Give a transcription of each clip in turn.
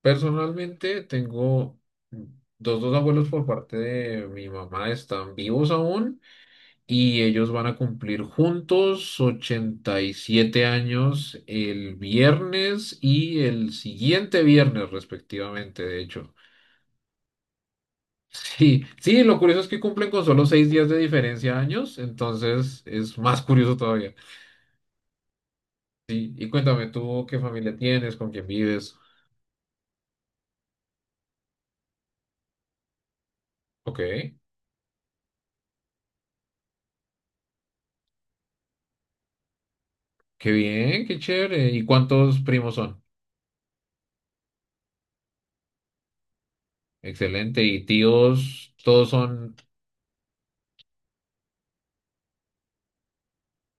Personalmente tengo dos abuelos por parte de mi mamá, están vivos aún y ellos van a cumplir juntos 87 años el viernes y el siguiente viernes respectivamente, de hecho. Sí, sí, lo curioso es que cumplen con solo 6 días de diferencia años, entonces es más curioso todavía. Sí, y cuéntame tú qué familia tienes, con quién vives. Ok, qué bien, qué chévere. ¿Y cuántos primos son? Excelente. Y tíos, todos son.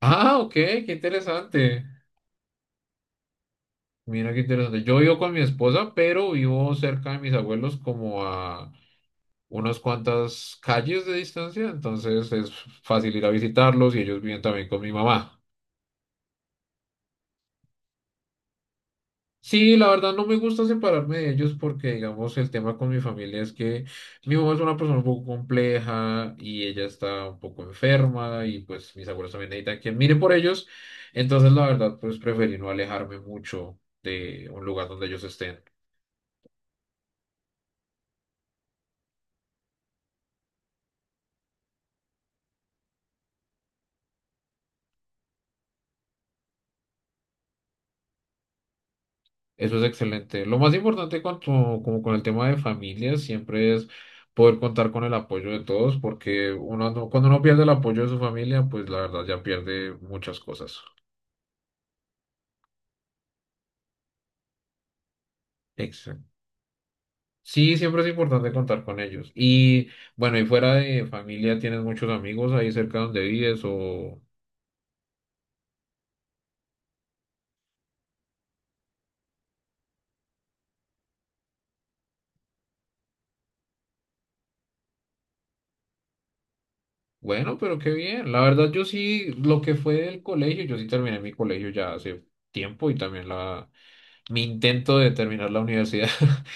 Ah, ok, qué interesante. Mira qué interesante. Yo vivo con mi esposa, pero vivo cerca de mis abuelos, como a unas cuantas calles de distancia. Entonces es fácil ir a visitarlos y ellos viven también con mi mamá. Sí, la verdad no me gusta separarme de ellos porque, digamos, el tema con mi familia es que mi mamá es una persona un poco compleja y ella está un poco enferma y pues mis abuelos también necesitan quien mire por ellos. Entonces, la verdad, pues preferí no alejarme mucho de un lugar donde ellos estén. Eso es excelente. Lo más importante con como con el tema de familia siempre es poder contar con el apoyo de todos porque uno, cuando uno pierde el apoyo de su familia, pues la verdad ya pierde muchas cosas. Exacto. Sí, siempre es importante contar con ellos. Y bueno, y fuera de familia, ¿tienes muchos amigos ahí cerca donde vives? O bueno, pero qué bien. La verdad, yo sí, lo que fue del colegio, yo sí terminé mi colegio ya hace tiempo y también la mi intento de terminar la universidad.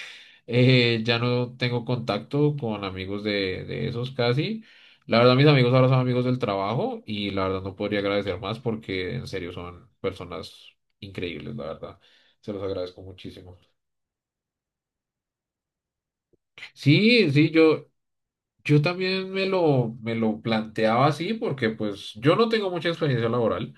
Ya no tengo contacto con amigos de esos casi. La verdad, mis amigos ahora son amigos del trabajo y la verdad no podría agradecer más porque en serio son personas increíbles, la verdad. Se los agradezco muchísimo. Sí, sí, yo también me lo planteaba así porque pues yo no tengo mucha experiencia laboral,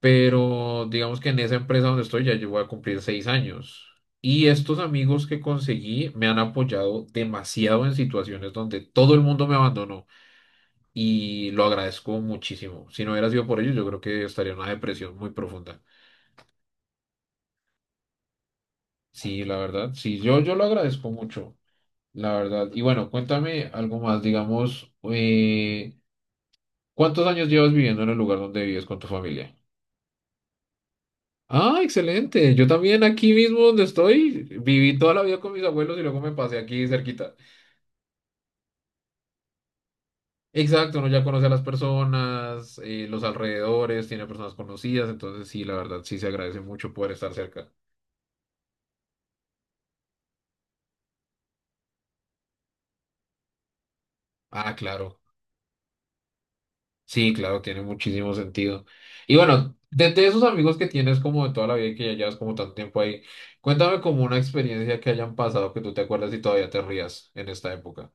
pero digamos que en esa empresa donde estoy ya yo voy a cumplir 6 años. Y estos amigos que conseguí me han apoyado demasiado en situaciones donde todo el mundo me abandonó y lo agradezco muchísimo. Si no hubiera sido por ellos, yo creo que estaría en una depresión muy profunda. Sí, la verdad, sí, yo lo agradezco mucho, la verdad. Y bueno, cuéntame algo más, digamos, ¿cuántos años llevas viviendo en el lugar donde vives con tu familia? Ah, excelente. Yo también aquí mismo donde estoy, viví toda la vida con mis abuelos y luego me pasé aquí cerquita. Exacto, uno ya conoce a las personas, los alrededores, tiene personas conocidas, entonces sí, la verdad, sí se agradece mucho poder estar cerca. Ah, claro. Sí, claro, tiene muchísimo sentido. Y bueno, de desde esos amigos que tienes como de toda la vida y que ya llevas como tanto tiempo ahí, cuéntame como una experiencia que hayan pasado que tú te acuerdas y todavía te rías en esta época.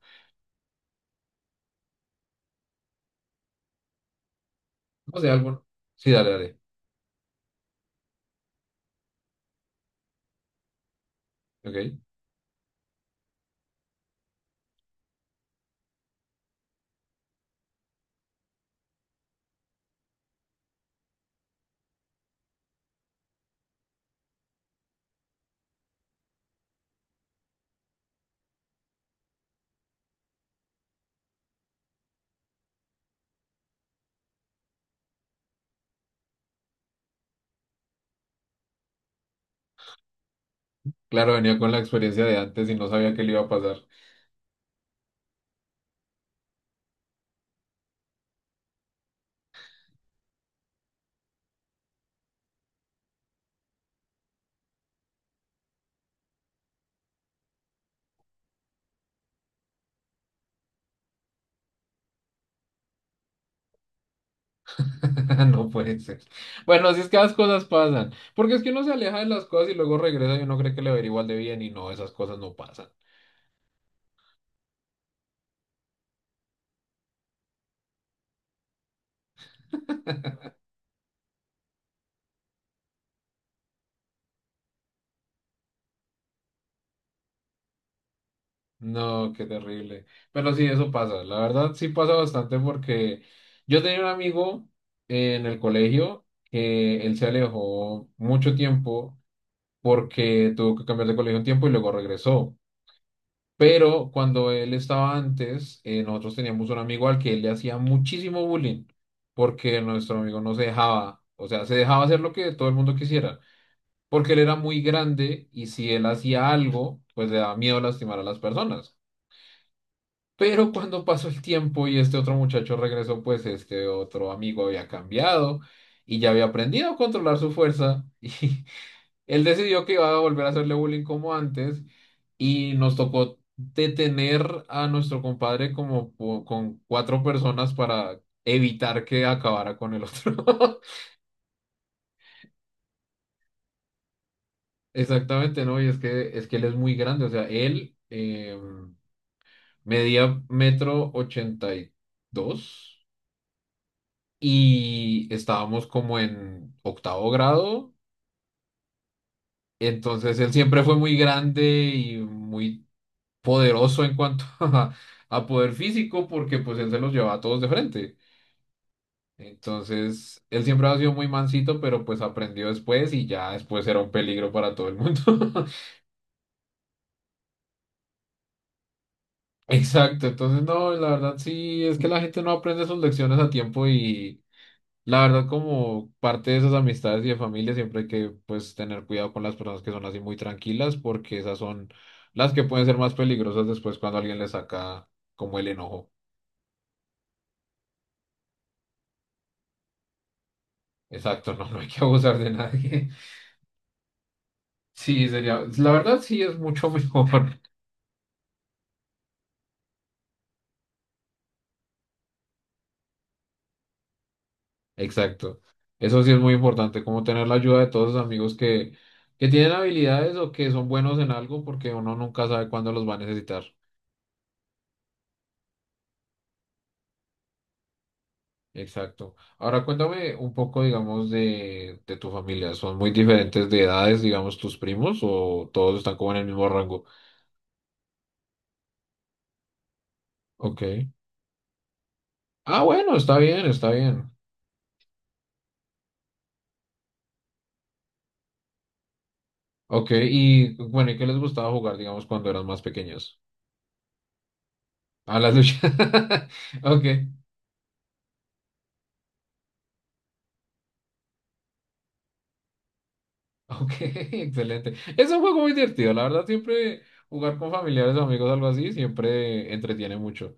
No sé, algo. Sí, dale, dale. Ok. Claro, venía con la experiencia de antes y no sabía que le iba a pasar. No puede ser. Bueno, así es que las cosas pasan. Porque es que uno se aleja de las cosas y luego regresa y uno cree que le va a ir igual de bien y no, esas cosas no pasan. No, qué terrible. Pero sí, eso pasa. La verdad, sí pasa bastante porque yo tenía un amigo en el colegio que él se alejó mucho tiempo porque tuvo que cambiar de colegio un tiempo y luego regresó. Pero cuando él estaba antes, nosotros teníamos un amigo al que él le hacía muchísimo bullying, porque nuestro amigo no se dejaba, o sea, se dejaba hacer lo que todo el mundo quisiera, porque él era muy grande y si él hacía algo, pues le daba miedo lastimar a las personas. Pero cuando pasó el tiempo y este otro muchacho regresó, pues este otro amigo había cambiado y ya había aprendido a controlar su fuerza. Él decidió que iba a volver a hacerle bullying como antes y nos tocó detener a nuestro compadre como con cuatro personas para evitar que acabara con el otro. Exactamente, ¿no? Y es que él es muy grande, o sea, él medía 1,82 m y estábamos como en octavo grado, entonces él siempre fue muy grande y muy poderoso en cuanto a poder físico porque pues él se los llevaba a todos de frente. Entonces, él siempre ha sido muy mansito, pero pues aprendió después y ya después era un peligro para todo el mundo. Exacto, entonces no, la verdad sí, es que la gente no aprende sus lecciones a tiempo y la verdad como parte de esas amistades y de familia siempre hay que pues tener cuidado con las personas que son así muy tranquilas porque esas son las que pueden ser más peligrosas después cuando alguien le saca como el enojo. Exacto, no, no hay que abusar de nadie. Sí, sería, la verdad sí es mucho mejor. Exacto. Eso sí es muy importante, como tener la ayuda de todos los amigos que tienen habilidades o que son buenos en algo, porque uno nunca sabe cuándo los va a necesitar. Exacto. Ahora cuéntame un poco, digamos, de tu familia. ¿Son muy diferentes de edades, digamos, tus primos o todos están como en el mismo rango? Ok. Ah, bueno, está bien, está bien. Ok, y bueno, ¿y qué les gustaba jugar, digamos, cuando eran más pequeños? A las luchas. Ok. Ok, excelente. Es un juego muy divertido, la verdad, siempre jugar con familiares o amigos, algo así, siempre entretiene mucho.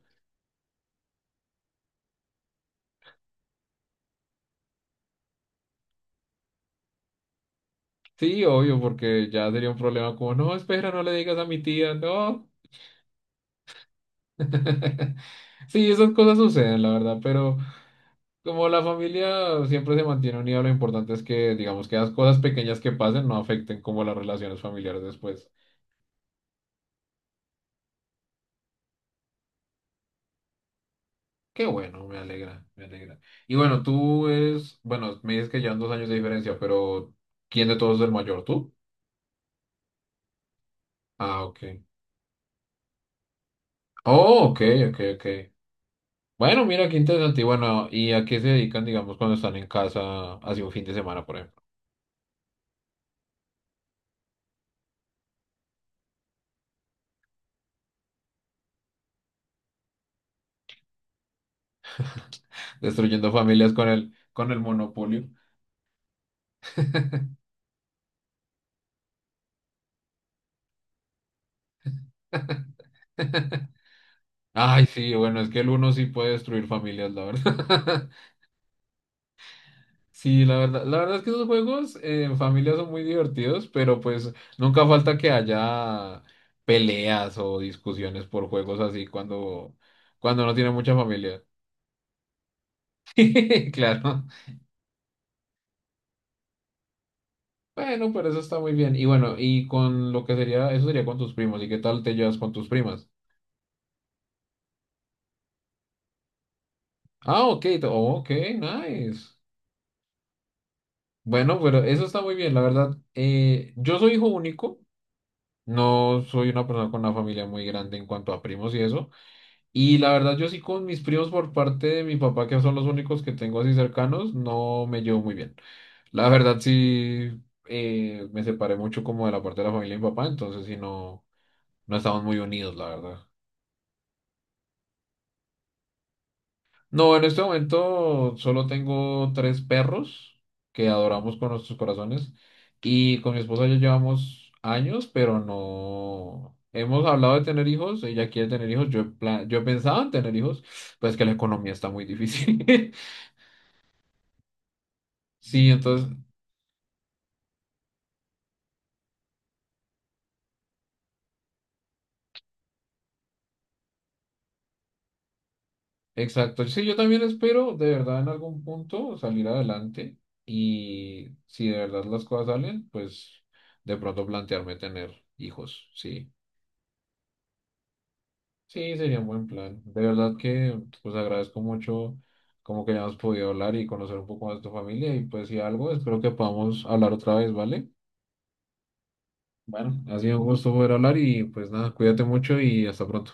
Sí, obvio, porque ya sería un problema como, no, espera, no le digas a mi tía, no. Sí, esas cosas suceden, la verdad, pero como la familia siempre se mantiene unida, lo importante es que, digamos, que las cosas pequeñas que pasen no afecten como las relaciones familiares después. Qué bueno, me alegra, me alegra. Y bueno, tú eres, bueno, me dices que llevan 2 años de diferencia, pero ¿quién de todos es el mayor? ¿Tú? Ah, ok. Oh, ok, ok, ok. Bueno, mira qué interesante. Y bueno, ¿y a qué se dedican, digamos, cuando están en casa, así un fin de semana, por ejemplo? Destruyendo familias con con el monopolio. Ay, sí, bueno, es que el uno sí puede destruir familias, la verdad. Sí, la verdad es que esos juegos en familia son muy divertidos, pero pues nunca falta que haya peleas o discusiones por juegos así cuando no tiene mucha familia. Claro. Bueno, pero eso está muy bien. Y bueno, y con lo que sería, eso sería con tus primos. ¿Y qué tal te llevas con tus primas? Ah, ok, ok, nice. Bueno, pero eso está muy bien, la verdad. Yo soy hijo único. No soy una persona con una familia muy grande en cuanto a primos y eso. Y la verdad, yo sí con mis primos por parte de mi papá, que son los únicos que tengo así cercanos, no me llevo muy bien. La verdad, sí, me separé mucho como de la parte de la familia de mi papá, entonces sí, no, no estamos muy unidos, la verdad. No, en este momento solo tengo tres perros que adoramos con nuestros corazones y con mi esposa ya llevamos años, pero no hemos hablado de tener hijos, ella quiere tener hijos, yo he pensado en tener hijos, pues que la economía está muy difícil. Sí, entonces, exacto. Sí, yo también espero de verdad en algún punto salir adelante y si de verdad las cosas salen, pues de pronto plantearme tener hijos, sí. Sí, sería un buen plan. De verdad que pues agradezco mucho como que hayamos podido hablar y conocer un poco más de tu familia y pues si algo, espero que podamos hablar otra vez, ¿vale? Bueno, ha sido un gusto poder hablar y pues nada, cuídate mucho y hasta pronto.